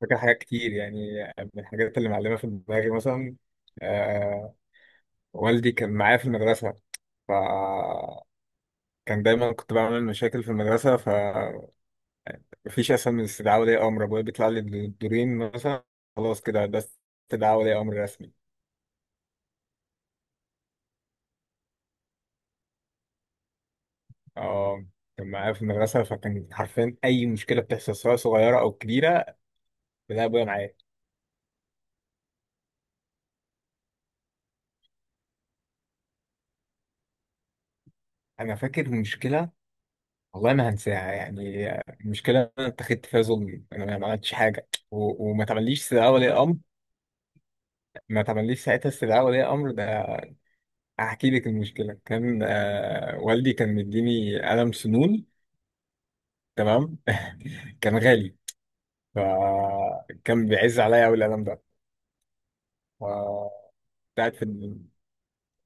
فاكر حاجات كتير، يعني من الحاجات اللي معلمة في دماغي مثلا آه، والدي كان معايا في المدرسة. فكان دايما كنت بعمل مشاكل في المدرسة، فمفيش أسهل من استدعاء ولي أمر. أبويا بيطلع لي بالدورين مثلا، خلاص كده ده استدعاء ولي أمر رسمي. آه، كان معايا في المدرسة، فكان حرفيا أي مشكلة بتحصل سواء صغيرة أو كبيرة بلاقي أبويا معايا. أنا فاكر مشكلة والله ما هنساها، يعني المشكلة أنا اتخذت فيها ظلم، أنا ما عملتش حاجة وما تعمليش استدعاء ولي أمر. ما تعمليش ساعتها استدعاء ولي أمر ده. هحكي لك المشكلة، كان والدي كان مديني قلم سنون، تمام؟ كان غالي، فكان بيعز عليا أوي القلم ده. ف- كنت قاعد في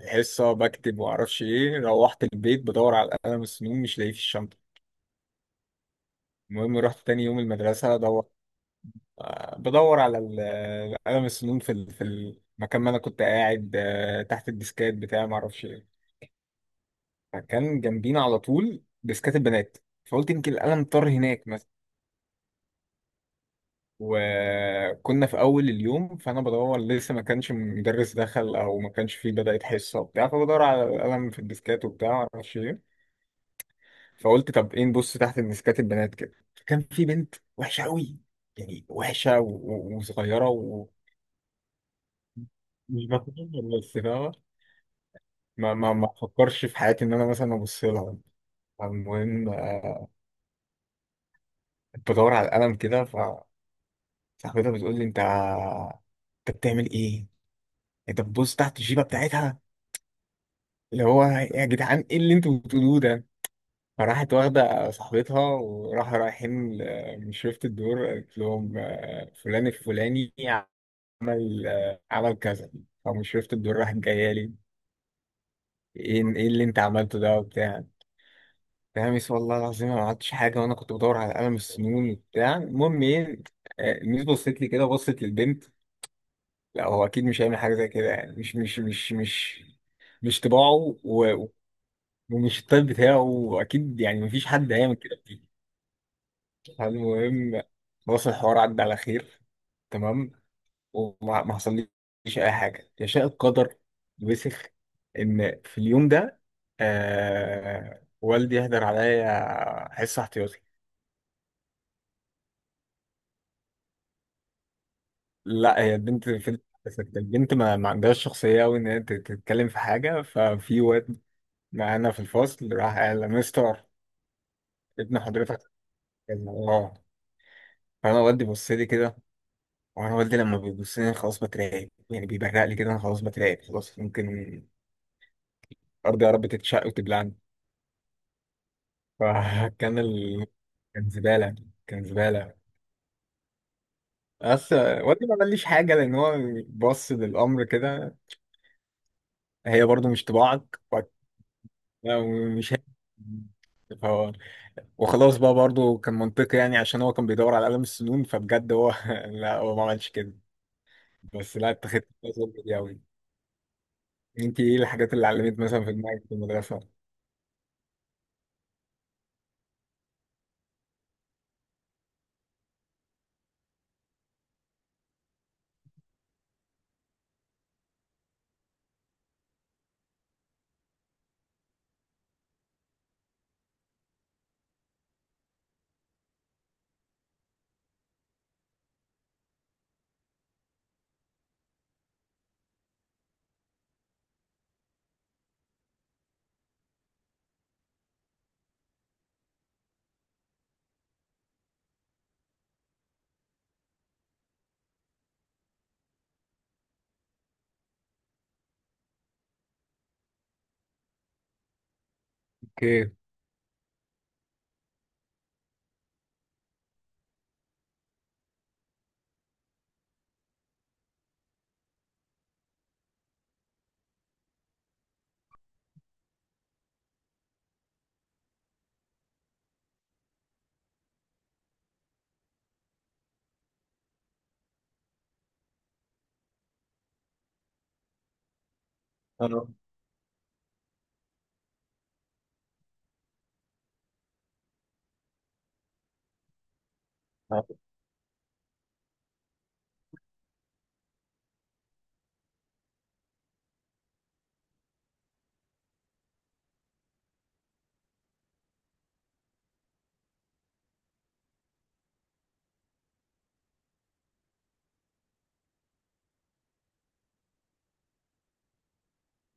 الحصة بكتب ومعرفش إيه، روحت البيت بدور على قلم السنون مش لاقيه في الشنطة. المهم رحت تاني يوم المدرسة أدور، بدور على قلم السنون في في المكان ما انا كنت قاعد، تحت الديسكات بتاعي ما اعرفش ايه. فكان جنبينا على طول ديسكات البنات، فقلت يمكن القلم طار هناك مثلا. وكنا في اول اليوم، فانا بدور لسه، ما كانش مدرس دخل او ما كانش فيه بدأت حصه وبتاع، فبدور على القلم في الديسكات وبتاع ما اعرفش ايه. فقلت طب ايه، نبص تحت الديسكات البنات كده. فكان في بنت وحشه قوي، يعني وحشه وصغيره ومش بفهم، بس فاهمة؟ ما بفكرش في حياتي ان انا مثلا ابص لها. المهم كنت بدور على القلم كده، فصاحبتها بتقول لي انت، انت بتعمل ايه؟ انت بتبص تحت الجيبه بتاعتها. اللي هو يا جدعان، ايه اللي انتوا بتقولوه ده؟ فراحت واخده صاحبتها، وراح رايحين من شرفة الدور قالت لهم، فلان الفلاني عمل، عمل كذا. فمن شرفة الدور راحت جايه لي، ايه ايه اللي انت عملته ده وبتاع، تلاميذ والله العظيم أنا ما عملتش حاجة، وأنا كنت بدور على قلم السنون وبتاع. المهم إيه، آه، الميس بصت لي كده، بصت للبنت، لا هو أكيد مش هيعمل حاجة زي كده، يعني مش طباعه و- ومش الطيب بتاعه، وأكيد يعني مفيش حد هيعمل كده فيه. المهم خلاص، الحوار عدى على خير، تمام؟ وما ما حصليش أي حاجة. يشاء القدر وسخ إن في اليوم ده آه، والدي يهدر عليا حصة احتياطي. لا، هي البنت في، البنت ما عندهاش شخصية أوي إن هي تتكلم في حاجة. ففي واد معانا في الفصل راح قال له، مستر، ابن حضرتك كذا. اه. فأنا والدي بص لي كده، وأنا والدي لما بيبص لي أنا خلاص بترعب، يعني بيبرق لي كده أنا خلاص بترعب، خلاص ممكن أرض يا رب تتشق وتبلعني. فكان كان زبالة، كان زبالة. بس والدي ما قاليش حاجة، لأن هو بص للأمر كده، هي برضو مش طباعك ومش هي. وخلاص بقى برضه كان منطقي، يعني عشان هو كان بيدور على قلم السنون، فبجد هو لا هو ما عملش كده. بس لا اتخذت الفيصل دي قوي. انت ايه الحاجات اللي علمت مثلا في دماغك في المدرسه؟ اوكي. اه. آه.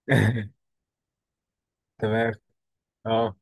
تمام. اه.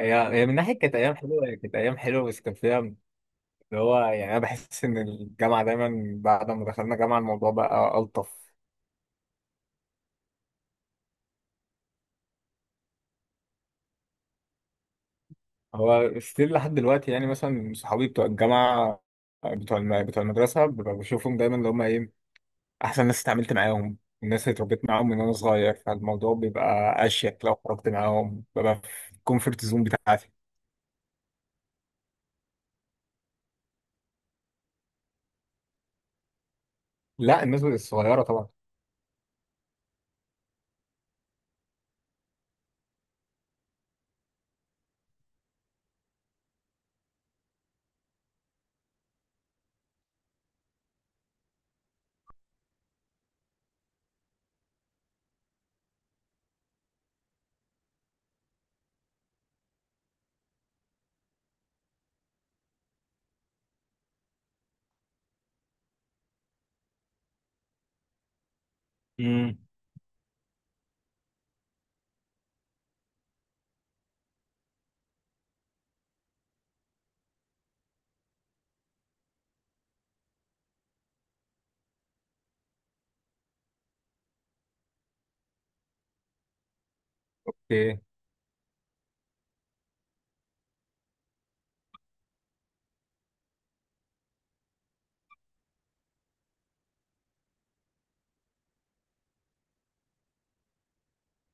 هي هي من ناحيه كانت ايام حلوه، هي كانت ايام حلوه، بس كان فيها اللي هو، يعني انا بحس ان الجامعه دايما، بعد ما دخلنا جامعه الموضوع بقى الطف. هو ستيل لحد دلوقتي يعني، مثلا صحابي بتوع الجامعه، بتوع المدرسه ببقى بشوفهم دايما، اللي هم ايه، احسن ناس اتعاملت معاهم، الناس اللي اتربيت معاهم من وانا صغير، فالموضوع بيبقى اشيك لو خرجت معاهم، ببقى في الكومفورت زون بتاعتي. لا، الناس الصغيره طبعا. امم. ايه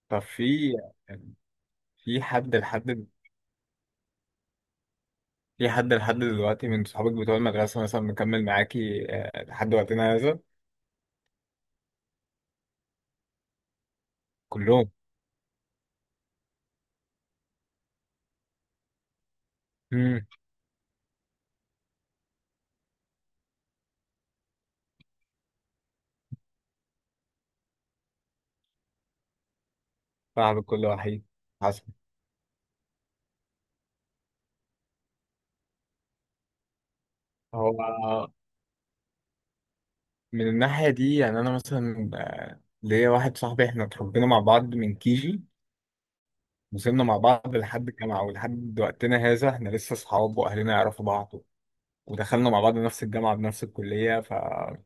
طب، في حد لحد في حد لحد دلوقتي من صحابك بتوع المدرسه مثلا مكمل معاكي، لحد وقتنا هذا؟ كلهم. امم. صاحب كل وحيد حسن. هو من الناحيه دي يعني، انا مثلا ليا واحد صاحبي، احنا اتربينا مع بعض من كيجي، وصلنا مع بعض لحد الجامعة ولحد وقتنا هذا، احنا لسه صحاب وأهلنا يعرفوا بعض، ودخلنا مع بعض نفس الجامعة بنفس الكلية. فده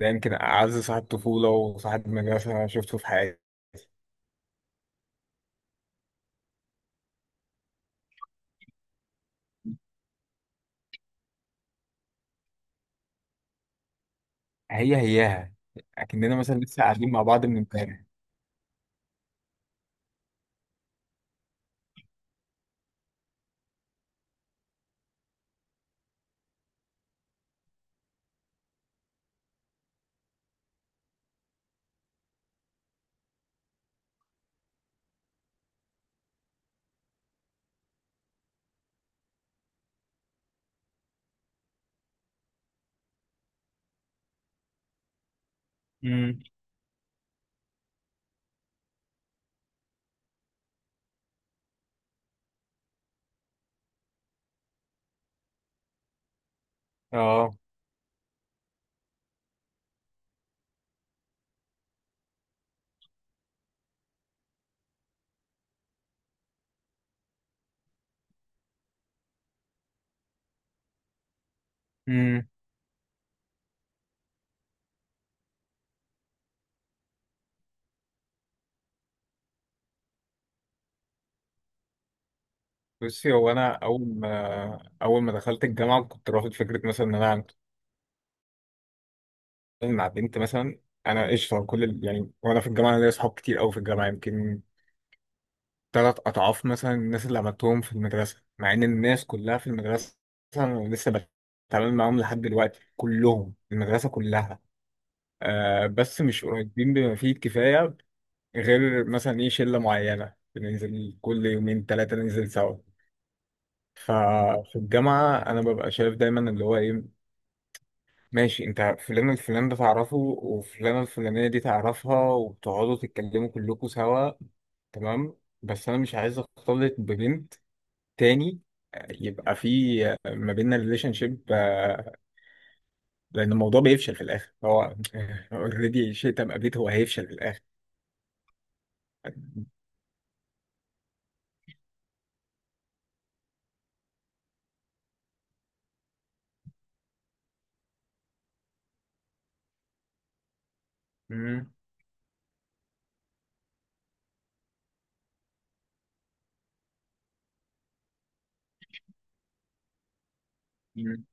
يمكن أعز صاحب طفولة وصاحب مدرسة شفته في حياتي. هي هياها، أكننا مثلا لسه قاعدين مع بعض من امبارح. امم. اه. امم. بصي هو، أنا أول ما دخلت الجامعة كنت رافض فكرة مثلا إن أنا أعمل مع بنت مثلا. أنا قشطة كل يعني، وأنا في الجامعة أنا ليا صحاب كتير أوي في الجامعة، يمكن تلات أضعاف مثلا الناس اللي عملتهم في المدرسة، مع إن الناس كلها في المدرسة أنا لسه بتعامل معاهم لحد دلوقتي، كلهم، المدرسة كلها، آه بس مش قريبين بما فيه الكفاية، غير مثلا إيه، شلة معينة بننزل كل يومين تلاتة ننزل سوا. ففي الجامعة أنا ببقى شايف دايما، اللي هو إيه، ماشي أنت فلان الفلان ده تعرفه، وفلانة الفلانية دي تعرفها، وبتقعدوا تتكلموا كلكم سوا، تمام. بس أنا مش عايز أختلط ببنت تاني، يبقى في ما بيننا ريليشن شيب، لان الموضوع بيفشل في الاخر. هو اوريدي شئت ام ابيت، هو هيفشل في الاخر. مم. مم.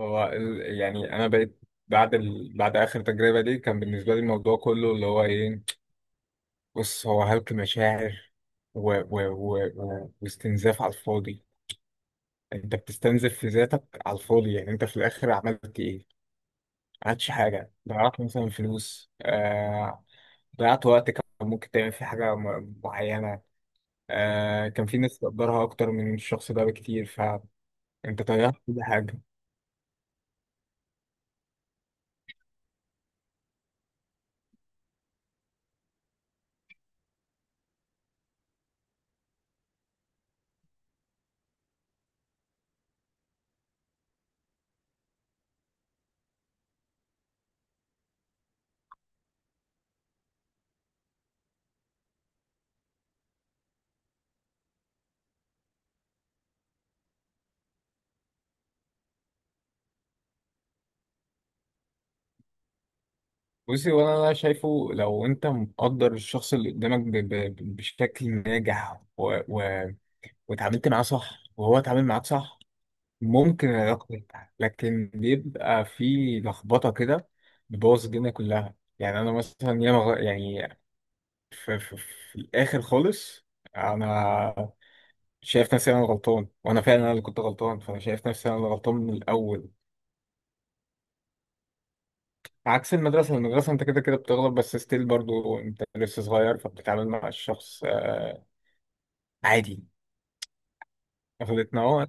هو يعني انا بقيت بعد بعد اخر تجربه دي، كان بالنسبه لي الموضوع كله اللي هو ايه، بص، هو هلك مشاعر واستنزاف على الفاضي. انت بتستنزف في ذاتك على الفاضي، يعني انت في الاخر عملت ايه؟ ما عملتش حاجه، ضيعت مثلا فلوس، آه، ضيعت وقت كان ممكن تعمل فيه حاجة معينة، آه، كان في ناس تقدرها أكتر من الشخص ده بكتير، فأنت ضيعت كل حاجة. بصي، وأنا أنا شايفه لو أنت مقدر الشخص اللي قدامك ب بشكل ناجح، و واتعاملت معاه صح، وهو اتعامل معاك صح، ممكن العلاقة تنجح. لكن بيبقى في لخبطة كده بتبوظ الدنيا كلها. يعني أنا مثلا ياما يعني في, الآخر خالص أنا شايف نفسي انا غلطان، وانا فعلا انا اللي كنت غلطان، فانا شايف نفسي انا اللي غلطان من الاول. عكس المدرسه، المدرسه انت كده كده بتغلط، بس ستيل برضو انت لسه صغير، فبتتعامل مع الشخص آه، عادي. غلطنا اه.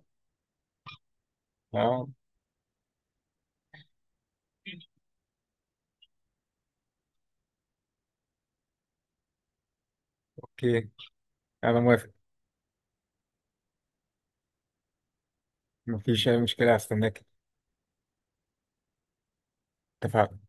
اه. اوكي، انا موافق. مفيش اي مشكله، هستناك. اتفقنا.